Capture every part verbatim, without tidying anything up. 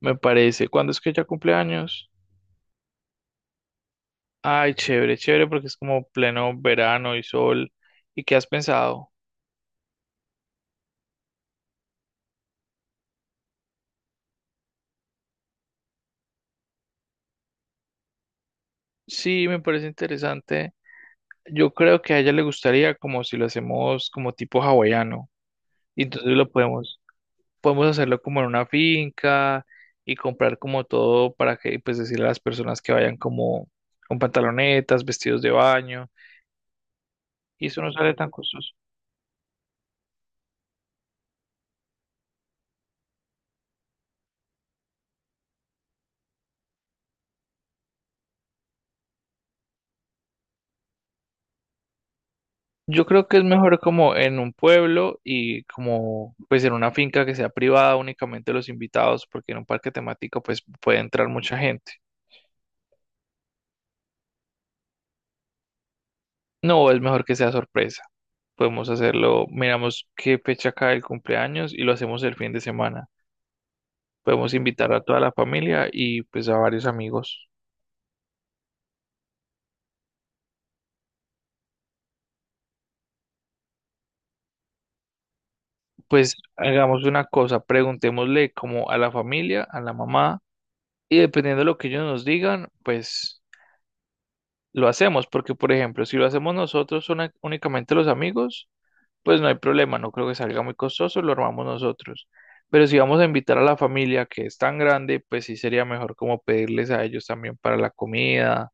Me parece. ¿Cuándo es que ella cumple años? Ay, chévere, chévere, porque es como pleno verano y sol. ¿Y qué has pensado? Sí, me parece interesante. Yo creo que a ella le gustaría como si lo hacemos como tipo hawaiano. Y entonces lo podemos, podemos hacerlo como en una finca y comprar como todo para que, pues decirle a las personas que vayan como con pantalonetas, vestidos de baño. Y eso no sale tan costoso. Yo creo que es mejor como en un pueblo y como pues en una finca que sea privada únicamente los invitados, porque en un parque temático pues puede entrar mucha gente. No, es mejor que sea sorpresa. Podemos hacerlo, miramos qué fecha cae el cumpleaños y lo hacemos el fin de semana. Podemos invitar a toda la familia y pues a varios amigos. Pues hagamos una cosa, preguntémosle como a la familia, a la mamá, y dependiendo de lo que ellos nos digan, pues lo hacemos, porque por ejemplo, si lo hacemos nosotros una- únicamente los amigos, pues no hay problema, no creo que salga muy costoso, lo armamos nosotros. Pero si vamos a invitar a la familia que es tan grande, pues sí sería mejor como pedirles a ellos también para la comida.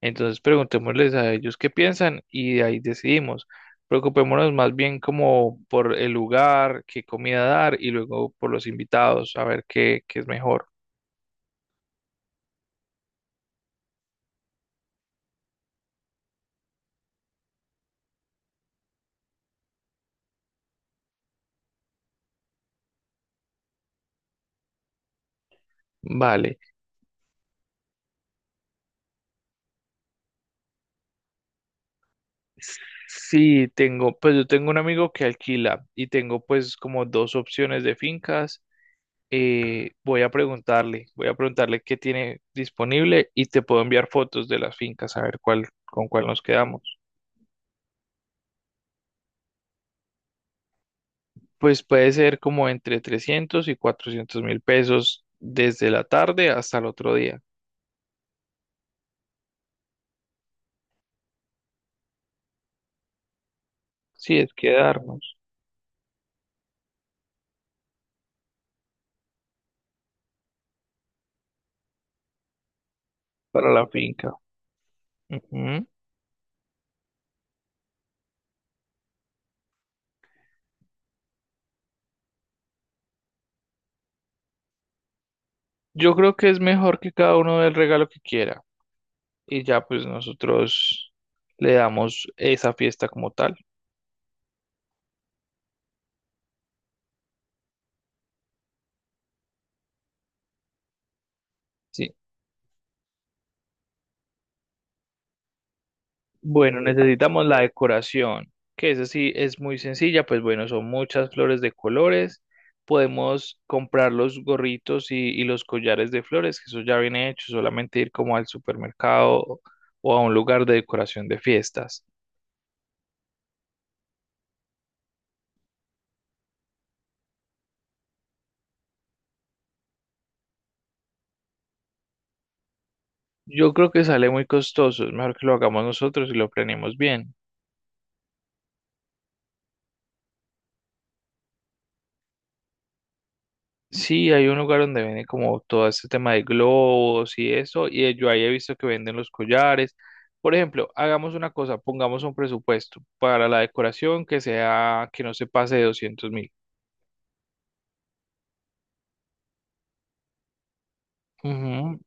Entonces preguntémosles a ellos qué piensan y de ahí decidimos. Preocupémonos más bien como por el lugar, qué comida dar y luego por los invitados, a ver qué, qué es mejor. Vale. Sí, tengo, pues yo tengo un amigo que alquila y tengo pues como dos opciones de fincas. Eh, voy a preguntarle, voy a preguntarle qué tiene disponible y te puedo enviar fotos de las fincas a ver cuál, con cuál nos quedamos. Pues puede ser como entre trescientos y cuatrocientos mil pesos desde la tarde hasta el otro día. Sí, es quedarnos para la finca. Ujú. Yo creo que es mejor que cada uno dé el regalo que quiera. Y ya pues nosotros le damos esa fiesta como tal, ¿sí? Bueno, necesitamos la decoración, que esa sí es muy sencilla, pues bueno, son muchas flores de colores, podemos comprar los gorritos y, y los collares de flores, que eso ya viene hecho, solamente ir como al supermercado o a un lugar de decoración de fiestas. Yo creo que sale muy costoso, es mejor que lo hagamos nosotros y lo planeemos bien. Sí, hay un lugar donde venden como todo este tema de globos y eso, y eh, yo ahí he visto que venden los collares. Por ejemplo, hagamos una cosa, pongamos un presupuesto para la decoración que sea, que no se pase de doscientos mil. Ujú.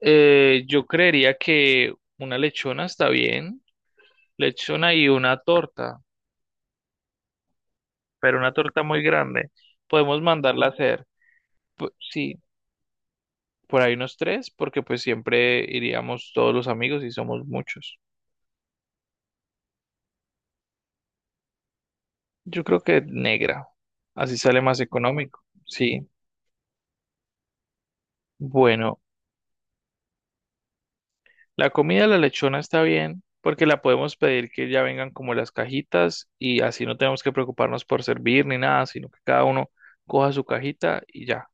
Eh, yo creería que una lechona está bien, lechona y una torta, pero una torta muy grande. Podemos mandarla a hacer, pu- sí, por ahí unos tres, porque pues siempre iríamos todos los amigos y somos muchos. Yo creo que negra, así sale más económico. Sí, bueno, la comida de la lechona está bien porque la podemos pedir que ya vengan como las cajitas y así no tenemos que preocuparnos por servir ni nada, sino que cada uno coja su cajita y ya.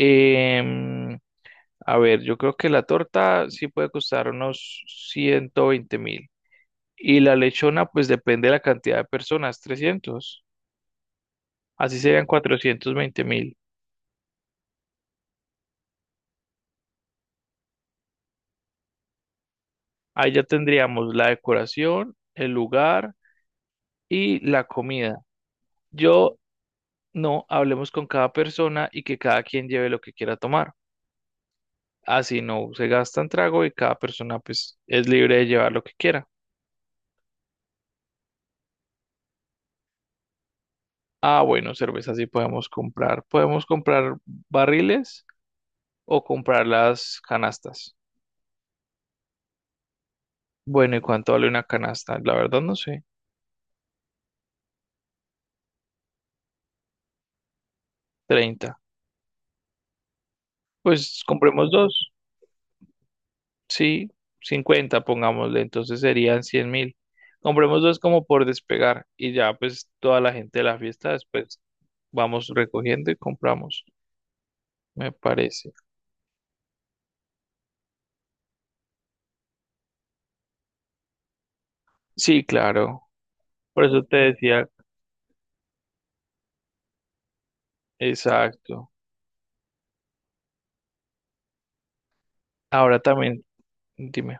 Em, a ver, yo creo que la torta sí puede costar unos ciento veinte mil y la lechona pues depende de la cantidad de personas, trescientos, así serían cuatrocientos veinte mil. Ahí ya tendríamos la decoración, el lugar y la comida. Yo no hablemos con cada persona y que cada quien lleve lo que quiera tomar. Así no se gastan trago y cada persona pues es libre de llevar lo que quiera. Ah, bueno, cerveza sí podemos comprar. Podemos comprar barriles o comprar las canastas. Bueno, ¿y cuánto vale una canasta? La verdad no sé. Treinta. Pues compremos dos. Sí, cincuenta, pongámosle, entonces serían cien mil. Compremos dos como por despegar y ya pues toda la gente de la fiesta después vamos recogiendo y compramos, me parece. Sí, claro, por eso te decía, exacto. Ahora también, dime.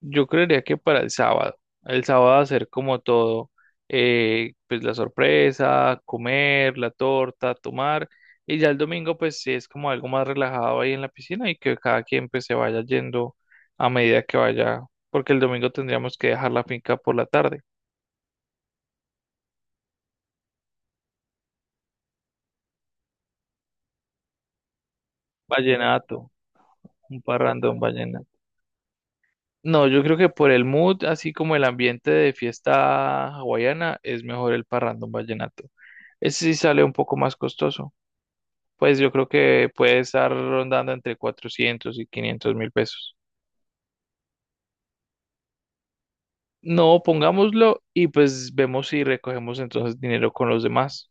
Yo creería que para el sábado. El sábado hacer como todo, eh, pues la sorpresa, comer, la torta, tomar. Y ya el domingo pues sí es como algo más relajado ahí en la piscina y que cada quien pues se vaya yendo a medida que vaya, porque el domingo tendríamos que dejar la finca por la tarde. Vallenato, un parrandón vallenato. No, yo creo que por el mood, así como el ambiente de fiesta hawaiana, es mejor el parrandón vallenato. Ese sí sale un poco más costoso. Pues yo creo que puede estar rondando entre cuatrocientos y quinientos mil pesos. No, pongámoslo y pues vemos si recogemos entonces dinero con los demás.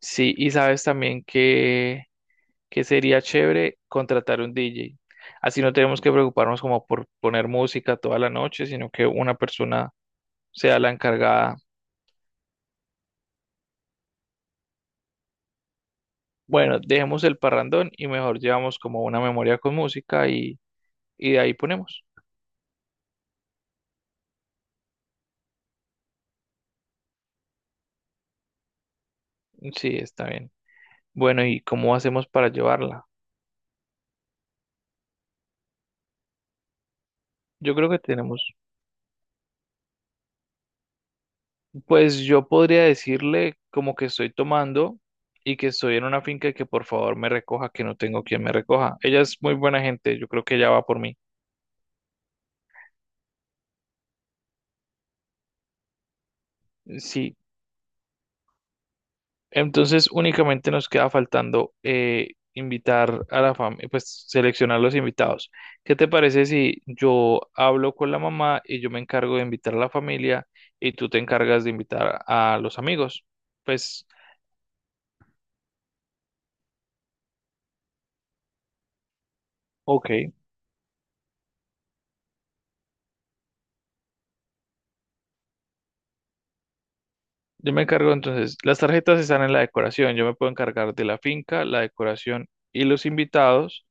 Sí, y sabes también que, que sería chévere contratar un D J. Así no tenemos que preocuparnos como por poner música toda la noche, sino que una persona sea la encargada. Bueno, dejemos el parrandón y mejor llevamos como una memoria con música y, y de ahí ponemos. Sí, está bien. Bueno, ¿y cómo hacemos para llevarla? Yo creo que tenemos, pues yo podría decirle como que estoy tomando y que estoy en una finca y que por favor me recoja, que no tengo quien me recoja. Ella es muy buena gente, yo creo que ella va por mí. Sí, entonces únicamente nos queda faltando eh, invitar a la familia, pues seleccionar los invitados. ¿Qué te parece si yo hablo con la mamá y yo me encargo de invitar a la familia y tú te encargas de invitar a los amigos? Pues, ok. Yo me encargo entonces, las tarjetas están en la decoración, yo me puedo encargar de la finca, la decoración y los invitados,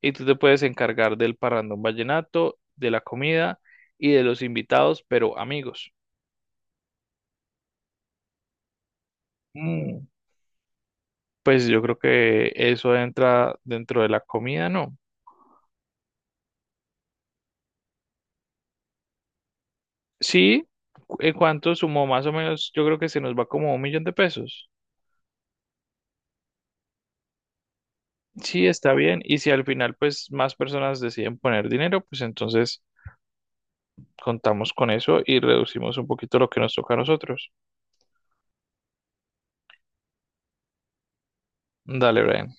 y tú te puedes encargar del parrandón vallenato, de la comida y de los invitados, pero amigos. Mm, Pues yo creo que eso entra dentro de la comida, ¿no? Sí, cu- en cuanto sumó más o menos, yo creo que se nos va como un millón de pesos. Sí, está bien, y si al final pues más personas deciden poner dinero, pues entonces contamos con eso y reducimos un poquito lo que nos toca a nosotros. Dale, Brian.